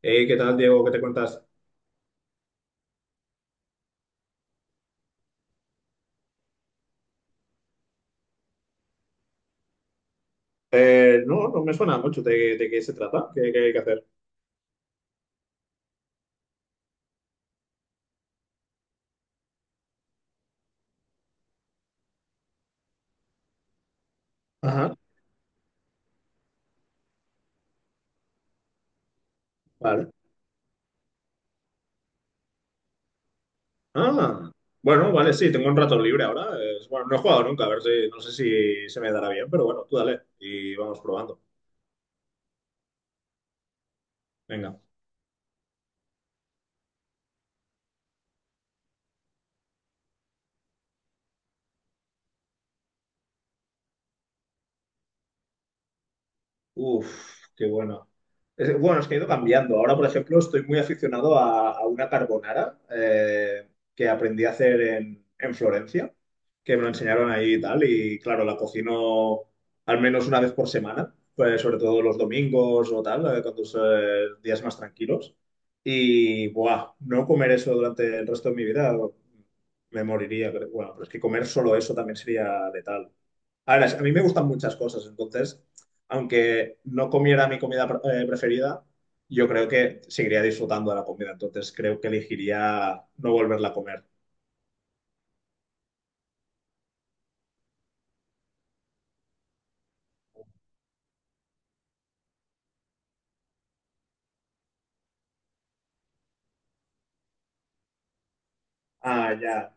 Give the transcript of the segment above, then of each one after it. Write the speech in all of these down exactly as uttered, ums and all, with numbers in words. Hey, ¿qué tal, Diego? ¿Qué te cuentas? Eh, no, no me suena mucho de, de qué se trata, qué, qué hay que hacer. Ajá, vale. Ah, bueno, vale, sí, tengo un rato libre ahora. Es- bueno, no he jugado nunca, a ver si, no sé si se me dará bien, pero bueno, tú dale y vamos probando. Venga. Uf, qué bueno. Es- bueno, es que he ido cambiando. Ahora, por ejemplo, estoy muy aficionado a, a una carbonara eh, que aprendí a hacer en, en Florencia, que me lo enseñaron ahí y tal. Y claro, la cocino al menos una vez por semana, pues, sobre todo los domingos o tal, eh, cuando son eh, días más tranquilos. Y, buah, no comer eso durante el resto de mi vida, me moriría. creo. Bueno, pero es que comer solo eso también sería letal. A ver, a mí me gustan muchas cosas, entonces, aunque no comiera mi comida pre- eh, preferida, yo creo que seguiría disfrutando de la comida, entonces creo que elegiría no volverla a comer. Ah, ya.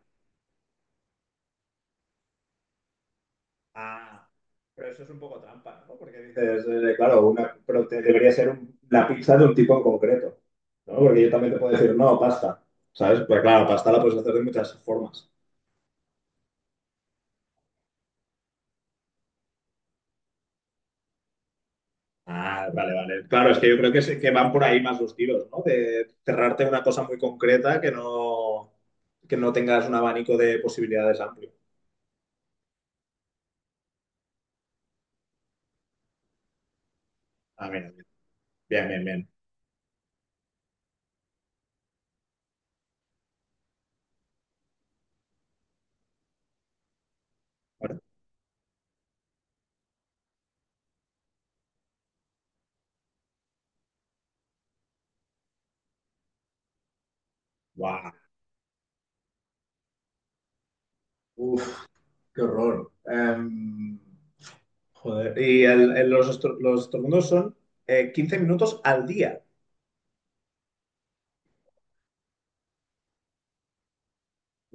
Ah, pero eso es un poco trampa, ¿no? Porque dices, eh, claro, una, pero te- debería ser un- la pizza de un tipo en concreto, ¿no? Porque yo también te puedo decir, no, pasta, ¿sabes? Pero claro, pasta la puedes hacer de muchas formas. Ah, vale, vale. Claro, es que yo creo que, se- que van por ahí más los tiros, ¿no? De cerrarte una cosa muy concreta que no, que no tengas un abanico de posibilidades amplio. Ah, mira, bien, bien, bien. bien. Bueno, guau. Uf, qué horror. Em, joder. Y el- el- los, estro- los estornudos son eh, quince minutos al día.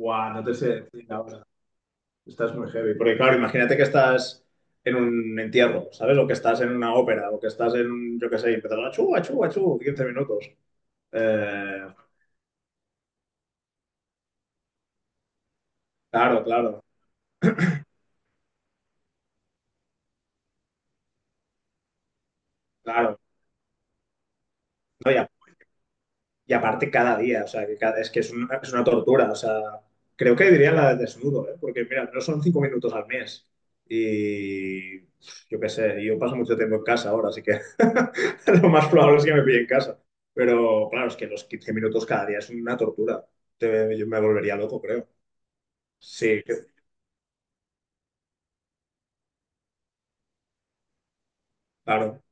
Guau, no te sé decir ahora. Estás muy heavy. Porque claro, imagínate que estás en un entierro, ¿sabes? O que estás en una ópera, o que estás en, un- yo qué sé, y empezar a chu, a chu, a chu, quince minutos. Eh, claro, claro, claro. No, y, a- y aparte cada día, o sea, que cada- es que es una, es una tortura, o sea, creo que diría la de desnudo, ¿eh? Porque mira, no son cinco minutos al mes y yo qué sé, yo paso mucho tiempo en casa ahora, así que lo más probable es que me pille en casa. Pero claro, es que los quince minutos cada día es una tortura. Te- yo me volvería loco, creo. Sí, que- claro,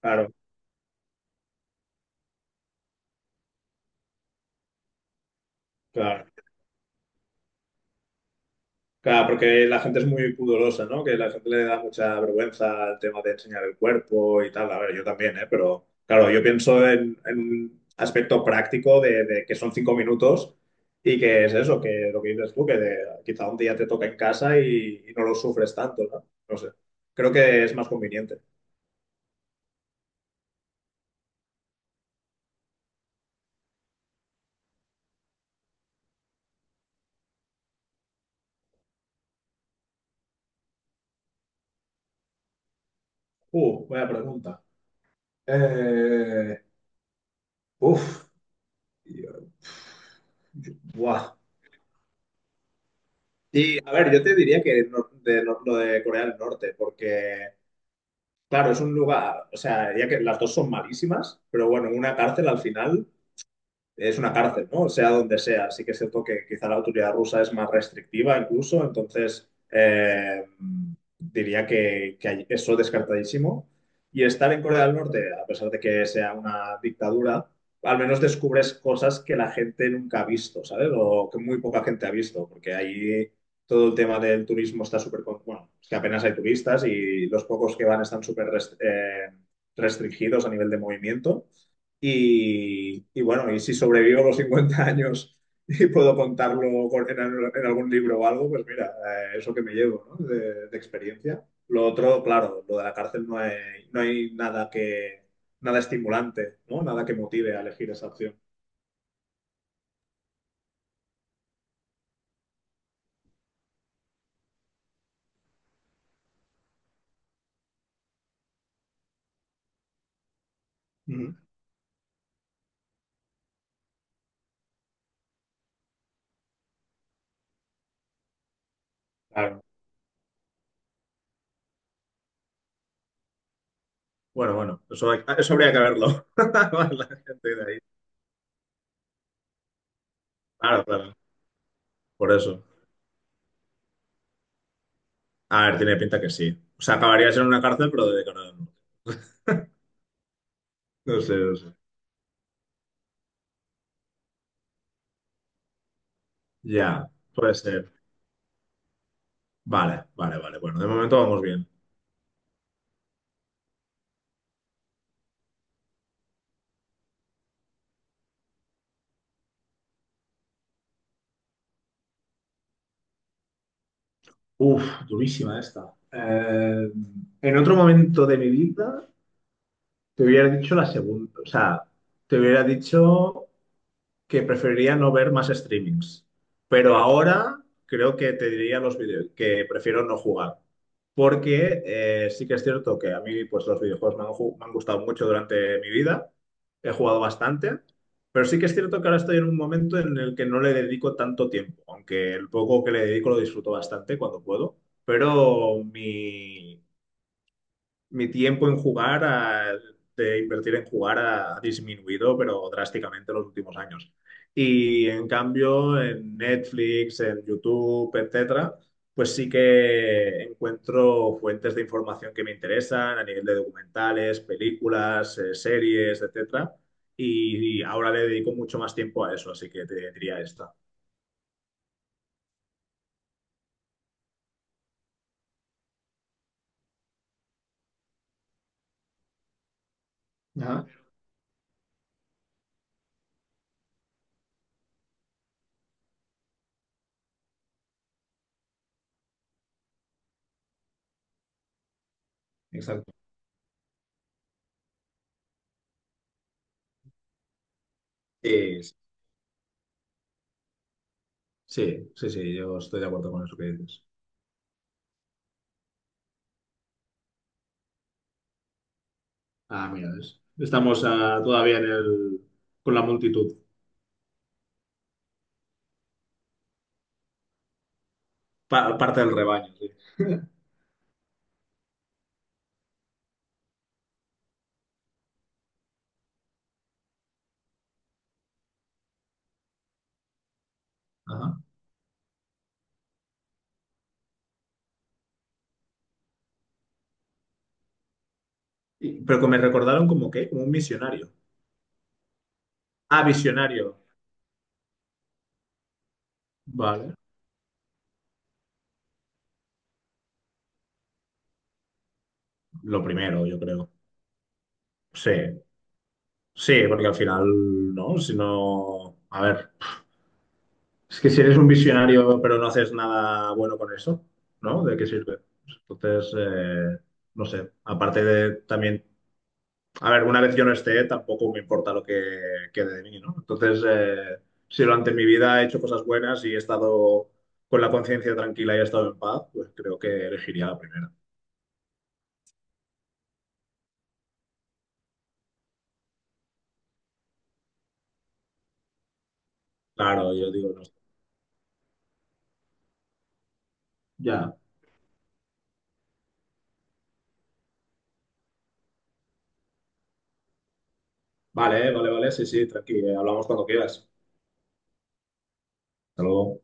claro, claro. Claro, porque la gente es muy pudorosa, ¿no? Que la gente le da mucha vergüenza al tema de enseñar el cuerpo y tal. A ver, yo también, ¿eh? Pero claro, yo pienso en, en un aspecto práctico de, de que son cinco minutos y que es eso, que lo que dices tú, que de- quizá un día te toca en casa y, y no lo sufres tanto, ¿no? No sé. Creo que es más conveniente. Uh, buena pregunta. Eh, Uf, Buah. Y a ver, yo te diría que no- de, no- lo de Corea del Norte, porque. Claro, es un lugar, o sea, ya que las dos son malísimas, pero bueno, una cárcel al final es una cárcel, ¿no? Sea donde sea. Así que es cierto que quizá la autoridad rusa es más restrictiva incluso, entonces eh, diría que, que hay- eso descartadísimo. Y estar en Corea del Norte, a pesar de que sea una dictadura, al menos descubres cosas que la gente nunca ha visto, ¿sabes? O que muy poca gente ha visto, porque ahí todo el tema del turismo está súper... con- Bueno, es que apenas hay turistas y los pocos que van están súper rest- eh, restringidos a nivel de movimiento. Y, y bueno, y si sobrevivo los cincuenta años y puedo contarlo con- en, al- en algún libro o algo, pues mira, eh, eso que me llevo, ¿no? De, de experiencia. Lo otro, claro, lo de la cárcel no hay, no hay nada que, nada estimulante, ¿no? Nada que motive a elegir esa opción. Ujú. Claro. Bueno, bueno, eso, hay- eso habría que verlo. La gente de ahí. Claro, claro, por eso. A ver, tiene pinta que sí. O sea, acabarías en una cárcel, pero de cara a la no sé, no sé. Ya, puede ser. Vale, vale, vale. Bueno, de momento vamos bien. Uf, durísima esta. Eh, en otro momento de mi vida te hubiera dicho la segunda, o sea, te hubiera dicho que preferiría no ver más streamings. Pero ahora creo que te diría los videos, que prefiero no jugar. Porque eh, sí que es cierto que a mí pues, los videojuegos me han, ju- me han gustado mucho durante mi vida. He jugado bastante. Pero sí que es cierto que ahora estoy en un momento en el que no le dedico tanto tiempo. Aunque el poco que le dedico lo disfruto bastante cuando puedo. Pero mi, mi tiempo en jugar, a- de invertir en jugar, ha disminuido, pero drásticamente en los últimos años. Y en cambio, en Netflix, en YouTube, etcétera, pues sí que encuentro fuentes de información que me interesan a nivel de documentales, películas, eh, series, etcétera. Y, y ahora le dedico mucho más tiempo a eso, así que te diría esta. Ajá, exacto. Sí, sí, sí, sí, yo estoy de acuerdo con eso que dices. Ah, mira, es- estamos ah, todavía en el, con la multitud, pa- parte del rebaño, sí. Ajá. Y- pero que me recordaron como que, como un misionario. Ah, visionario. Vale. Lo primero, yo creo. Sí, sí, porque al final, ¿no? Si no, a ver, es que si eres un visionario pero no haces nada bueno con eso, ¿no? ¿De qué sirve? Entonces, eh, no sé, aparte de también. A ver, una vez yo no esté, tampoco me importa lo que quede de mí, ¿no? Entonces, eh, si durante mi vida he hecho cosas buenas y he estado con la conciencia tranquila y he estado en paz, pues creo que elegiría la primera. Claro, yo digo, no, ya. Vale, vale, vale, sí, sí, tranquilo, hablamos cuando quieras. Hasta luego.